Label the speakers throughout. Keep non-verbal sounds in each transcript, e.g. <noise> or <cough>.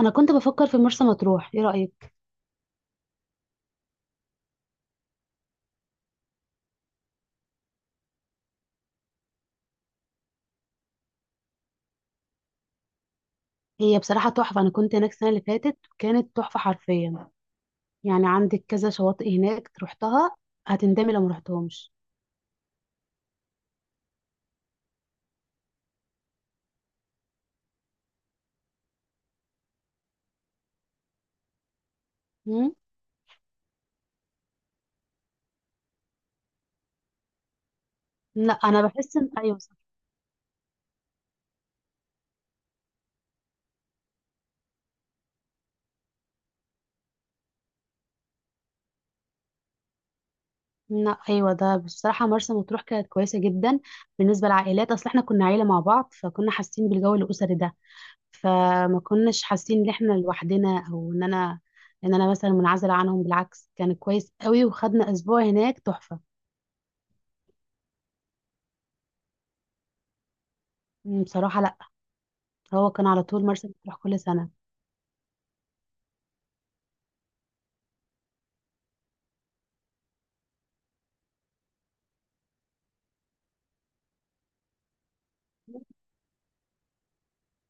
Speaker 1: انا كنت بفكر في مرسى مطروح، ايه رايك؟ هي بصراحه تحفه. انا كنت هناك السنه اللي فاتت، كانت تحفه حرفيا. يعني عندك كذا شواطئ هناك رحتها. هتندمي لو ما رحتهمش. مم؟ لا، انا بحس ان ايوه صح. لا، ايوه، ده بصراحه مرسى مطروح كانت كويسه جدا. بالنسبه للعائلات، اصل احنا كنا عيله مع بعض فكنا حاسين بالجو الاسري ده. فما كناش حاسين ان احنا لوحدنا او ان انا مثلا منعزله عنهم. بالعكس كان كويس قوي وخدنا اسبوع هناك تحفه. بصراحه لا. هو كان على طول مرسى مطروح كل سنة.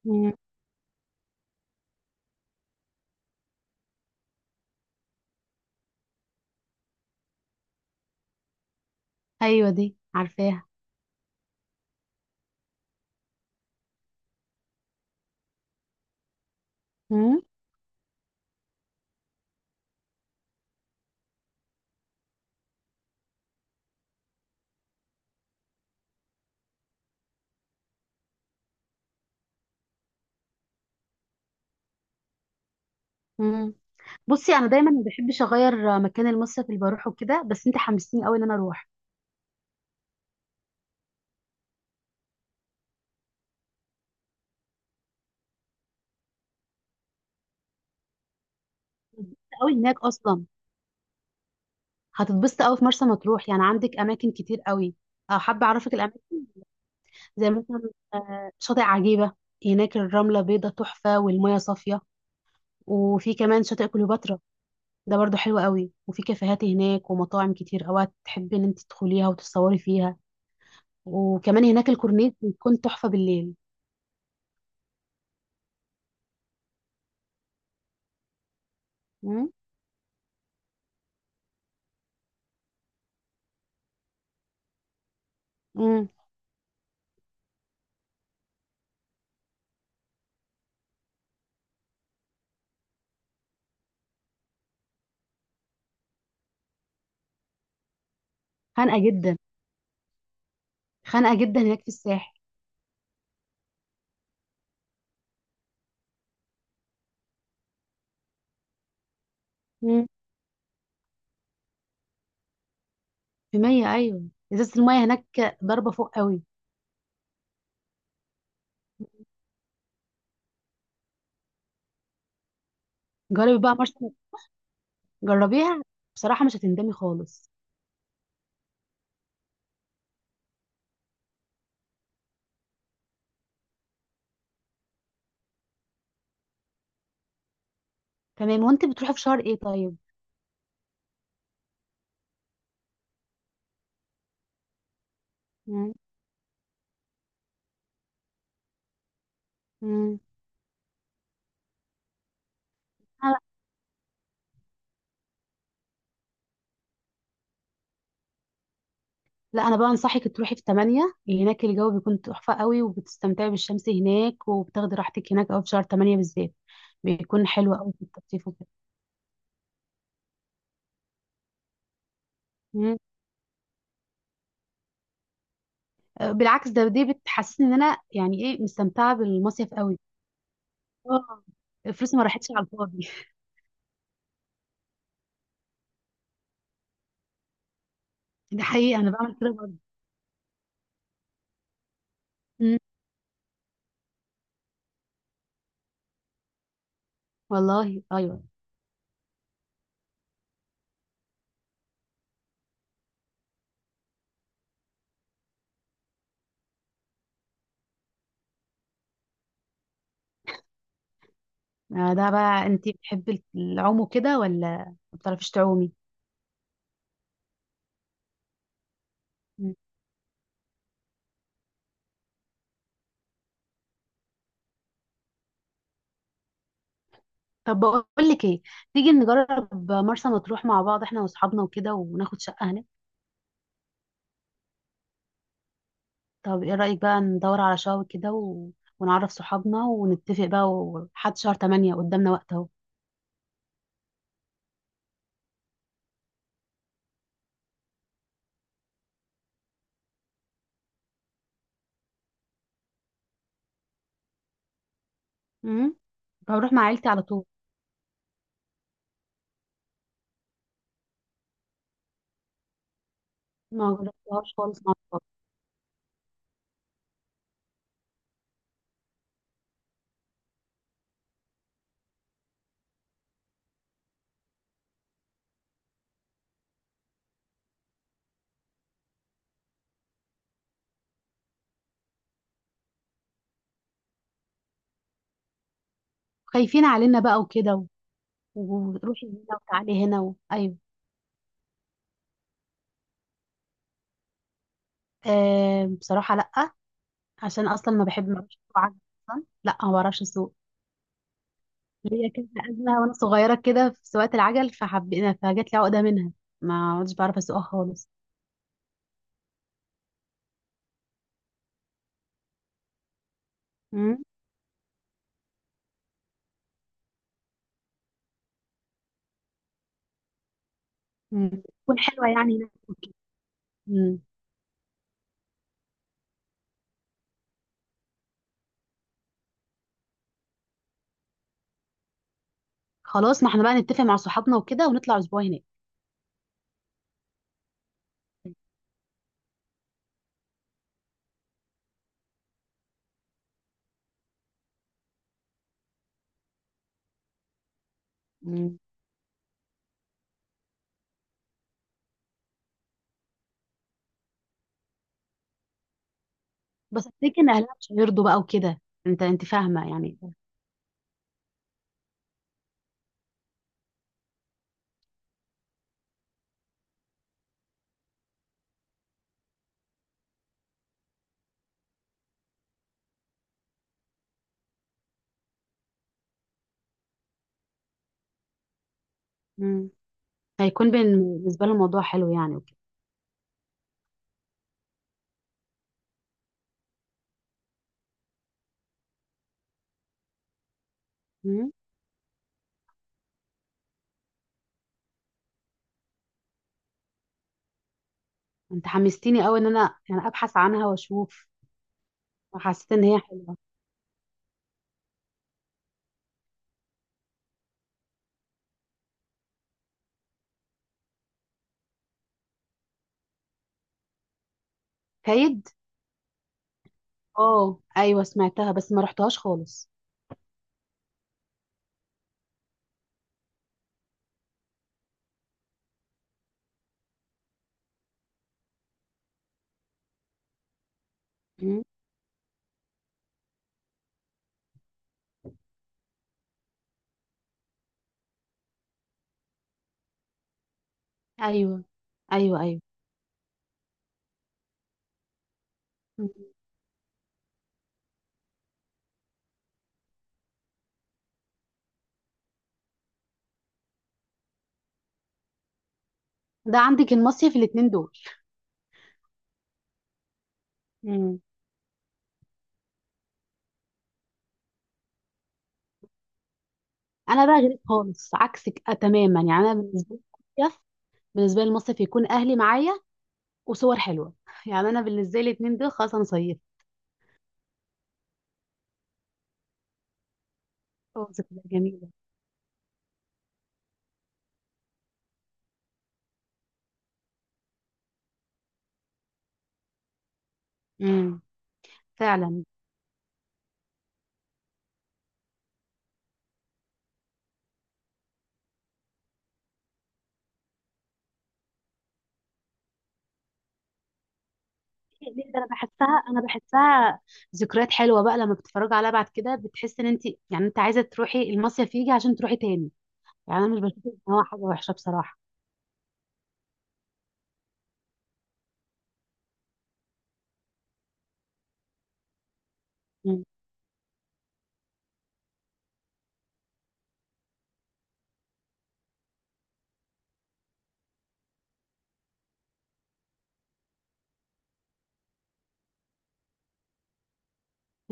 Speaker 1: مم. أيوة، دي عارفاها. مم. مم. بصي، أنا دايما ما بحبش أغير مكان المصيف اللي بروحه كده، بس أنت حمستيني قوي إن أنا أروح. هتتبسط قوي هناك أصلا. هتتبسط قوي في مرسى مطروح، يعني عندك أماكن كتير قوي. حابة أعرفك الأماكن. زي مثلا شاطئ عجيبة. هناك الرملة بيضة تحفة والمية صافية. وفي كمان شاطئ كليوباترا. ده برضو حلو قوي، وفي كافيهات هناك ومطاعم كتير أوي تحبي إن أنت تدخليها وتتصوري فيها. وكمان هناك الكورنيش بيكون تحفة بالليل. مم. مم. خانقة جدا. خانقة جدا هناك في الساحل. مم. في مية، أيوة. إزازة المية هناك ضربة فوق قوي. جربي بقى مرسى. جربيها. بصراحة مش هتندمي خالص. تمام، وانت بتروحي في شهر ايه طيب؟ مم. مم. أنا- لا، أنا بقى أنصحك تروحي في تمانية، هناك الجو بيكون تحفة قوي وبتستمتعي بالشمس هناك وبتاخدي راحتك هناك أوي في شهر تمانية بالذات. بيكون حلو قوي في التخطيف وكده. بالعكس ده دي بتحسسني ان انا يعني ايه مستمتعه بالمصيف قوي. اه، فلوسي ما راحتش على الفاضي. <laughs> ده حقيقي، انا بعمل كده برضه. أمم، والله ايوه. ده بقى انت بتحبي العوم وكده ولا ما بتعرفيش تعومي؟ أمم. طب بقول لك ايه، تيجي نجرب مرسى مطروح مع بعض احنا واصحابنا وكده وناخد شقه هناك. طب ايه رايك بقى ندور على شقه كده ونعرف صحابنا ونتفق بقى، وحد شهر 8 قدامنا وقت اهو. أمم. هروح مع عيلتي على طول. ما جربتهاش خالص. خايفين علينا بقى وكده وروحي هنا وتعالي هنا ايوه. آه، بصراحه لا. عشان اصلا ما بحب ما بعرفش اسوق عجل. اصلا لا، ما بعرفش اسوق. ليا كذا ازمه وانا صغيره كده في سواقه العجل، فحبينا فجات لي عقده منها. ما عدتش بعرف اسوقها خالص. امم. أمم. تكون حلوه يعني هناك وكده. أمم. خلاص، ما احنا بقى نتفق مع صحابنا وكده ونطلع اسبوع هناك. أمم. بس افتكر ان اهلها مش هيرضوا بقى وكده. انت فاهمه يعني. أمم. هيكون بالنسبه لهم الموضوع حلو يعني وكده. مم. انت حمستيني قوي ان انا يعني ابحث عنها واشوف. وحسيت ان هي حلوه. كايد. اه، ايوه، سمعتها بس ما رحتهاش خالص. مم. ايوه، ايوه، ايوه. مم. ده عندك المصيف الاتنين دول. مم. انا بقى غيرك خالص، عكسك تماما، يعني انا بالنسبه لي المصيف، بالنسبه لي المصيف يكون اهلي معايا. وصور حلوه <laughs> يعني انا بالنسبه لي الاتنين دول خلاص انا صيفت. اه، ذكريات جميله. امم فعلا. إيه، ليه ده انا بحسها. ذكريات حلوه بقى، لما بتتفرجي عليها بعد كده بتحس ان انت يعني انت عايزه تروحي المصيف يجي عشان تروحي تاني. يعني انا مش بشوف ان هو حاجه وحشه بصراحه. امم.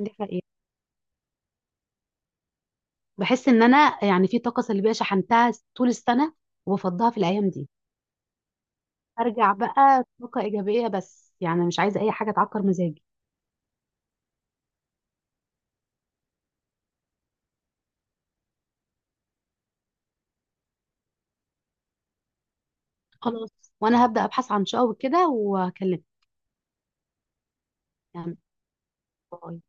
Speaker 1: دي حقيقة. بحس ان انا يعني في طاقه سلبيه شحنتها طول السنه وبفضها في الايام دي. ارجع بقى طاقه ايجابيه، بس يعني مش عايزه اي حاجه تعكر مزاجي. خلاص، وانا هبدا ابحث عن شقق وكده وهكلمك. يعني باي.